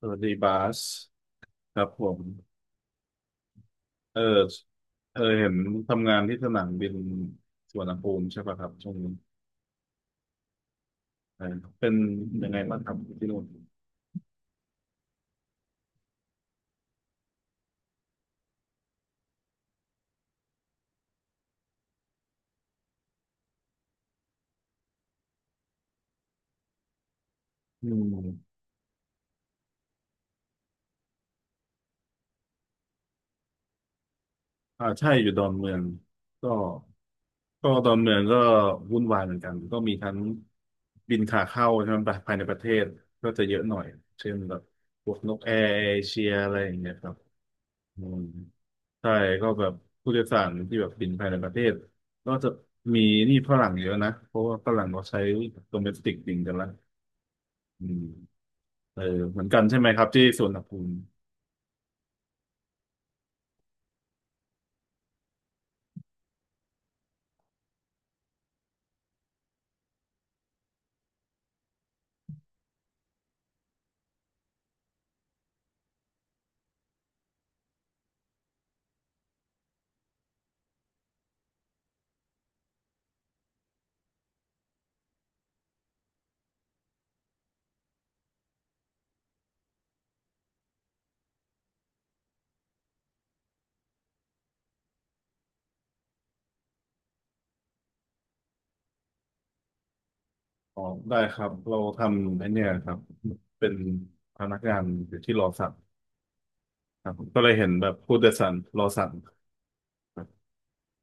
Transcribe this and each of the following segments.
สวัสดีบาสครับผมเออเออเห็นทำงานที่สนามบินสุวรรณภูมิใช่ป่ะครับช่วงนี้เออเป็นยังไงบ้างครับที่นู่นอืม อ่าใช่อยู่ดอนเมืองก็ก็ดอนเมืองก็วุ่นวายเหมือนกันก็มีทั้งบินขาเข้าใช่ไหมภายในประเทศก็จะเยอะหน่อยเช่นแบบพวกนกแอร์เอเชียอะไรอย่างเงี้ยครับอืมใช่ก็แบบผู้โดยสารที่แบบบินภายในประเทศก็จะมีนี่ฝรั่งเยอะนะเพราะว่าฝรั่งเขาใช้ domestic บินกันละอืมเออเหมือนกันใช่ไหมครับที่สุวรรณภูมิ อ๋อได้ครับเราทำไอ้เนี่ยครับเป็นพนักงานอยู่ที่รอสักครับก็เลยเห็นแบบผู้โดยสารรอสั่ง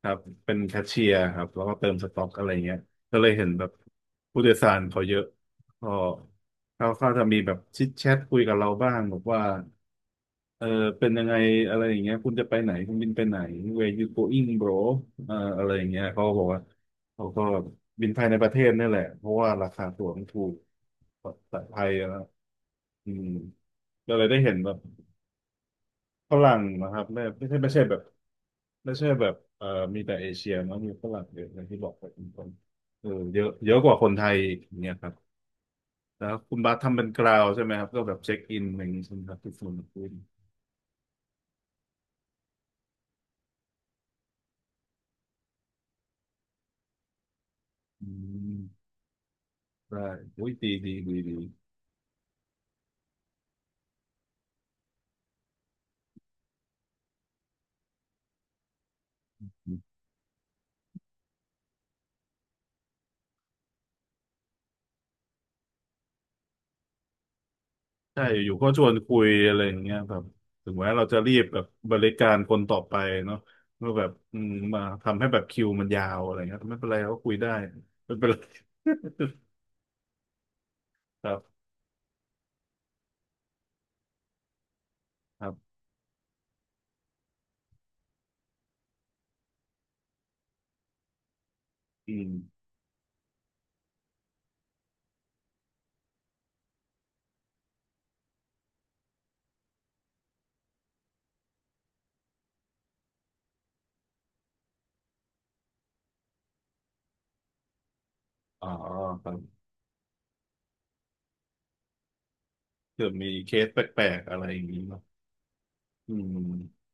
ครับเป็นแคชเชียร์ครับแล้วก็เติมสต็อกอะไรเงี้ยก็เลยเห็นแบบผู้โดยสารเขาเยอะก็เขาจะมีแบบชิดแชทคุยกับเราบ้างบอกว่าเออเป็นยังไงอะไรอย่างเงี้ยคุณจะไปไหนคุณบินไปไหน where you going bro อะไรอย่างเงี้ยเขาก็บอกว่าเขาก็บินภายในประเทศนี่แหละเพราะว่าราคาตั๋วมันถูกกว่าสายไทยอนะอืมก็เลยได้เห็นแบบฝรั่งนะครับไม่ใช่แบบ ไม่ใช่แบบมีแต่เอเชียเนอะมีฝรั่งเยอะอย่างที่บอกไปคุณต้นเยอะเยอะกว่าคนไทยอีกอย่างเนี่ยครับแล้วคุณบาสทำเป็นกราวใช่ไหมครับก็แบบเช็คอินอย่างนี้ใช่ไหมครับที่ส่วนคุณอืมได้อุ้ยดีดีดีดีอืมใช่อยู่ก็ชวนคุยอะไรอย่างเงี้ยแบบถึงแม้เราจะรีบแบบบริการคนต่อไปเนาะเมื่อแบบอืมมาทำให้แบบคิวมันยาวอะไรเงี้ยไม่เป็นไรก็คุยได้ไม่เป็นไร ครับครับอืมอ๋อครับ เผื่อมีเคสแปลกๆอะไรอย่างนี้เนาะอืม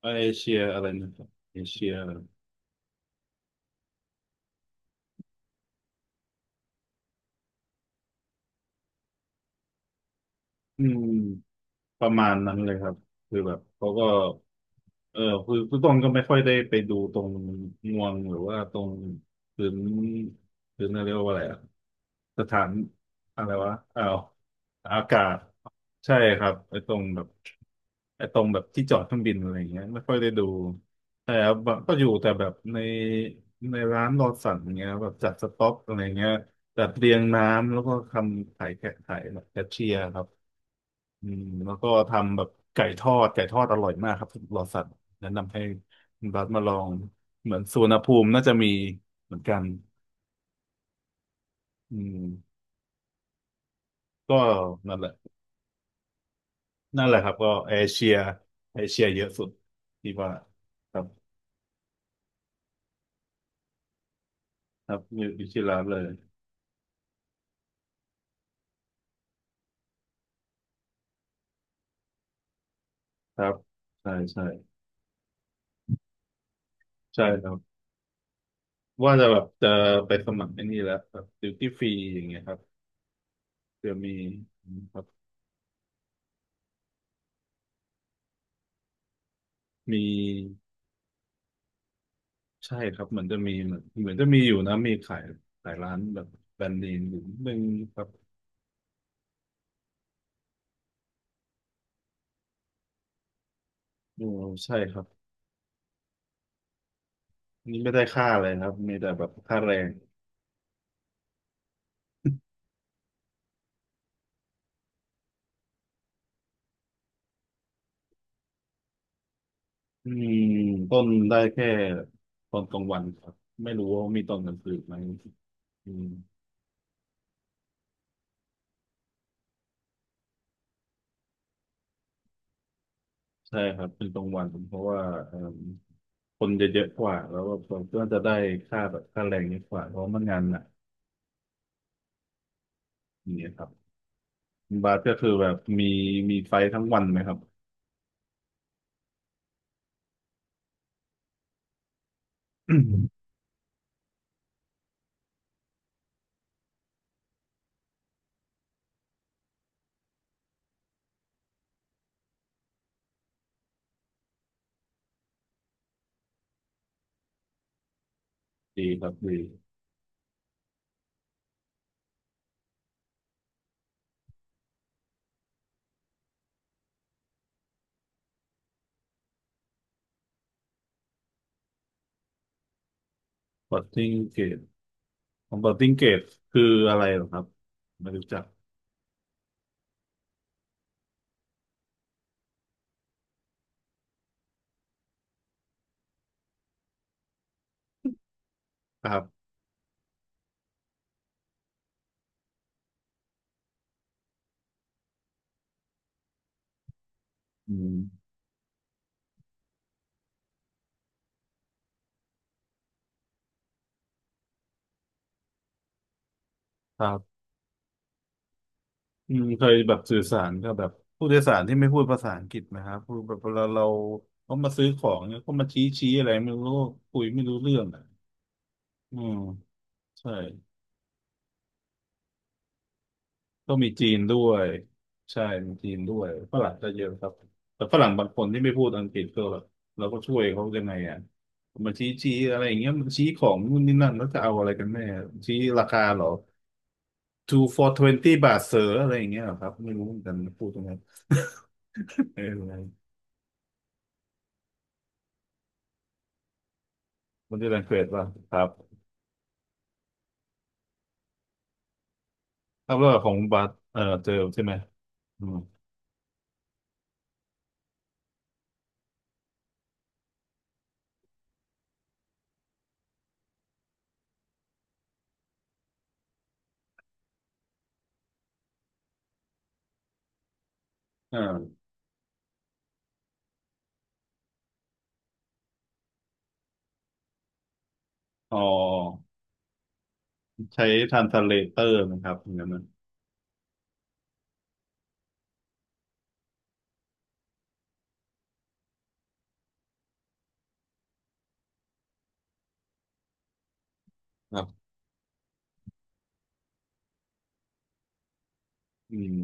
เอเชียอะไรนะครับเอเชีย อืมประมาณนั้นเลยครับคือแบบเขาก็คือต้องก็ไม่ค่อยได้ไปดูตรงงวงหรือว่าตรงพื้นพื้นเรียกว่าอะไรอะสถานอะไรวะอ้าวอากาศใช่ครับไอ้ตรงแบบไอ้ตรงแบบที่จอดเครื่องบินอะไรอย่างเงี้ยไม่ค่อยได้ดูแต่แบบก็อยู่แต่แบบในร้านรอสั่งเงี้ยแบบจัดสต็อกอะไรเงี้ยจัดเรียงน้ำแล้วก็ทำถ่ายแขกถ่ายแบบแคชเชียร์ครับ อืมแล้วก็ทำแบบไก่ทอดไก่ทอดอร่อยมากครับรอสัตว์แนะนำให้คุณบัสมาลองเหมือนสุวรรณภูมิน่าจะมีเหมือนกันอืมก็นั่นแหละนั่นแหละครับก็เอเชียเยอะสุดที่ว่าครับครับอยู่ที่ร้านเลยครับใช่ใช่ใช่ครับว่าจะแบบจะไปสมัครไอ้นี่แล้วแบบดิวตี้ฟรีอย่างเงี้ยครับเดี๋ยวมีครับมี ใช่ครับเหมือนจะมีเหมือนจะมีอยู่นะมีขายร้านแบบแบรนด์เนมอยู่นิดนึงครับโอ้ใช่ครับนี่ไม่ได้ค่าอะไรครับมีแต่แบบค่าแรงอืมต้นได้แค่ตอนกลางวันครับไม่รู้ว่ามีตอนกลางคืนไหมอืมใช่ครับเป็นกลางวันเพราะว่าเอิ่มคนจะเยอะกว่าแล้วก็จะได้ค่าแบบค่าแรงเยอะกว่าเพราะมันงานหนักอย่างเงี้ยครับคุณบาสก็คือแบบมีไฟทั้งวันไหมครับ ดีครับดี บัตติ้งเกตของบัตติ้งเกตคืออะไรเหรอครับไม่รู้จักครับอืมครับอืมเคยแบบสื่อสารกับแบบผู้โดยสารที่ไม่พูดภาษาอังกฤษไหมครับพูดแบบเวลาเราเขามาซื้อของเนี่ยก็มาชี้ชี้อะไรไม่รู้คุยไม่รู้เรื่องอ่ะอืมใช่ก็มีจีนด้วยใช่มีจีนด้วยฝรั่งก็เยอะครับแต่ฝรั่งบางคนที่ไม่พูดอังกฤษก็แบบเราก็ช่วยเขายังไงอ่ะมาชี้ชี้อะไรอย่างเงี้ยมันชี้ของนู่นนี่นั่นแล้วจะเอาอะไรกันแน่ชี้ราคาเหรอ two for 20 บาทเสืออะไรอย่างเงี้ยเหรอครับไม่รู้เหมือนกันพูดตรงนั้นเออมันจะแรงเกรดป่ะครับถ้าเรื่องของบาทเจอใช่ไหมอืมอ่าอ๋อใช้ทรานสเลเตอร์นะครับเหมือย่างนก้นนะครับอืม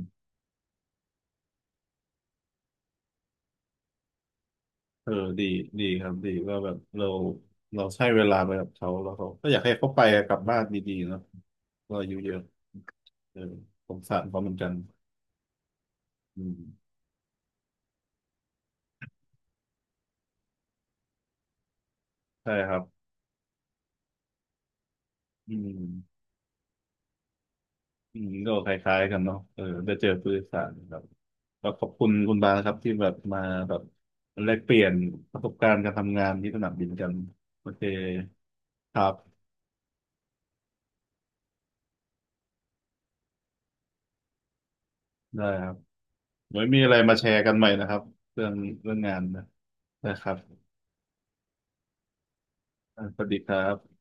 เออดีดีครับดีว่าแบบเราใช้เวลาไปกับเขาแล้วเขาก็อยากให้เขาไปกลับบ้านดีๆเนาะเราอายุเยอะเออสงสารเขาเหมือนกันอืมใช่ครับอืม อืมก็คล้ายๆกันเนาะได้เจอผู้โดยสารครับก็ขอบคุณคุณบานครับที่แบบมาแบบแลกเปลี่ยนประสบการณ์การทำงานที่สนามบินกันโอเคครับได้ครับไว้มีอะไรมาแชร์กันใหม่นะครับเรื่องเรื่องงานนะได้ครับอ่ะสวัสดีครับ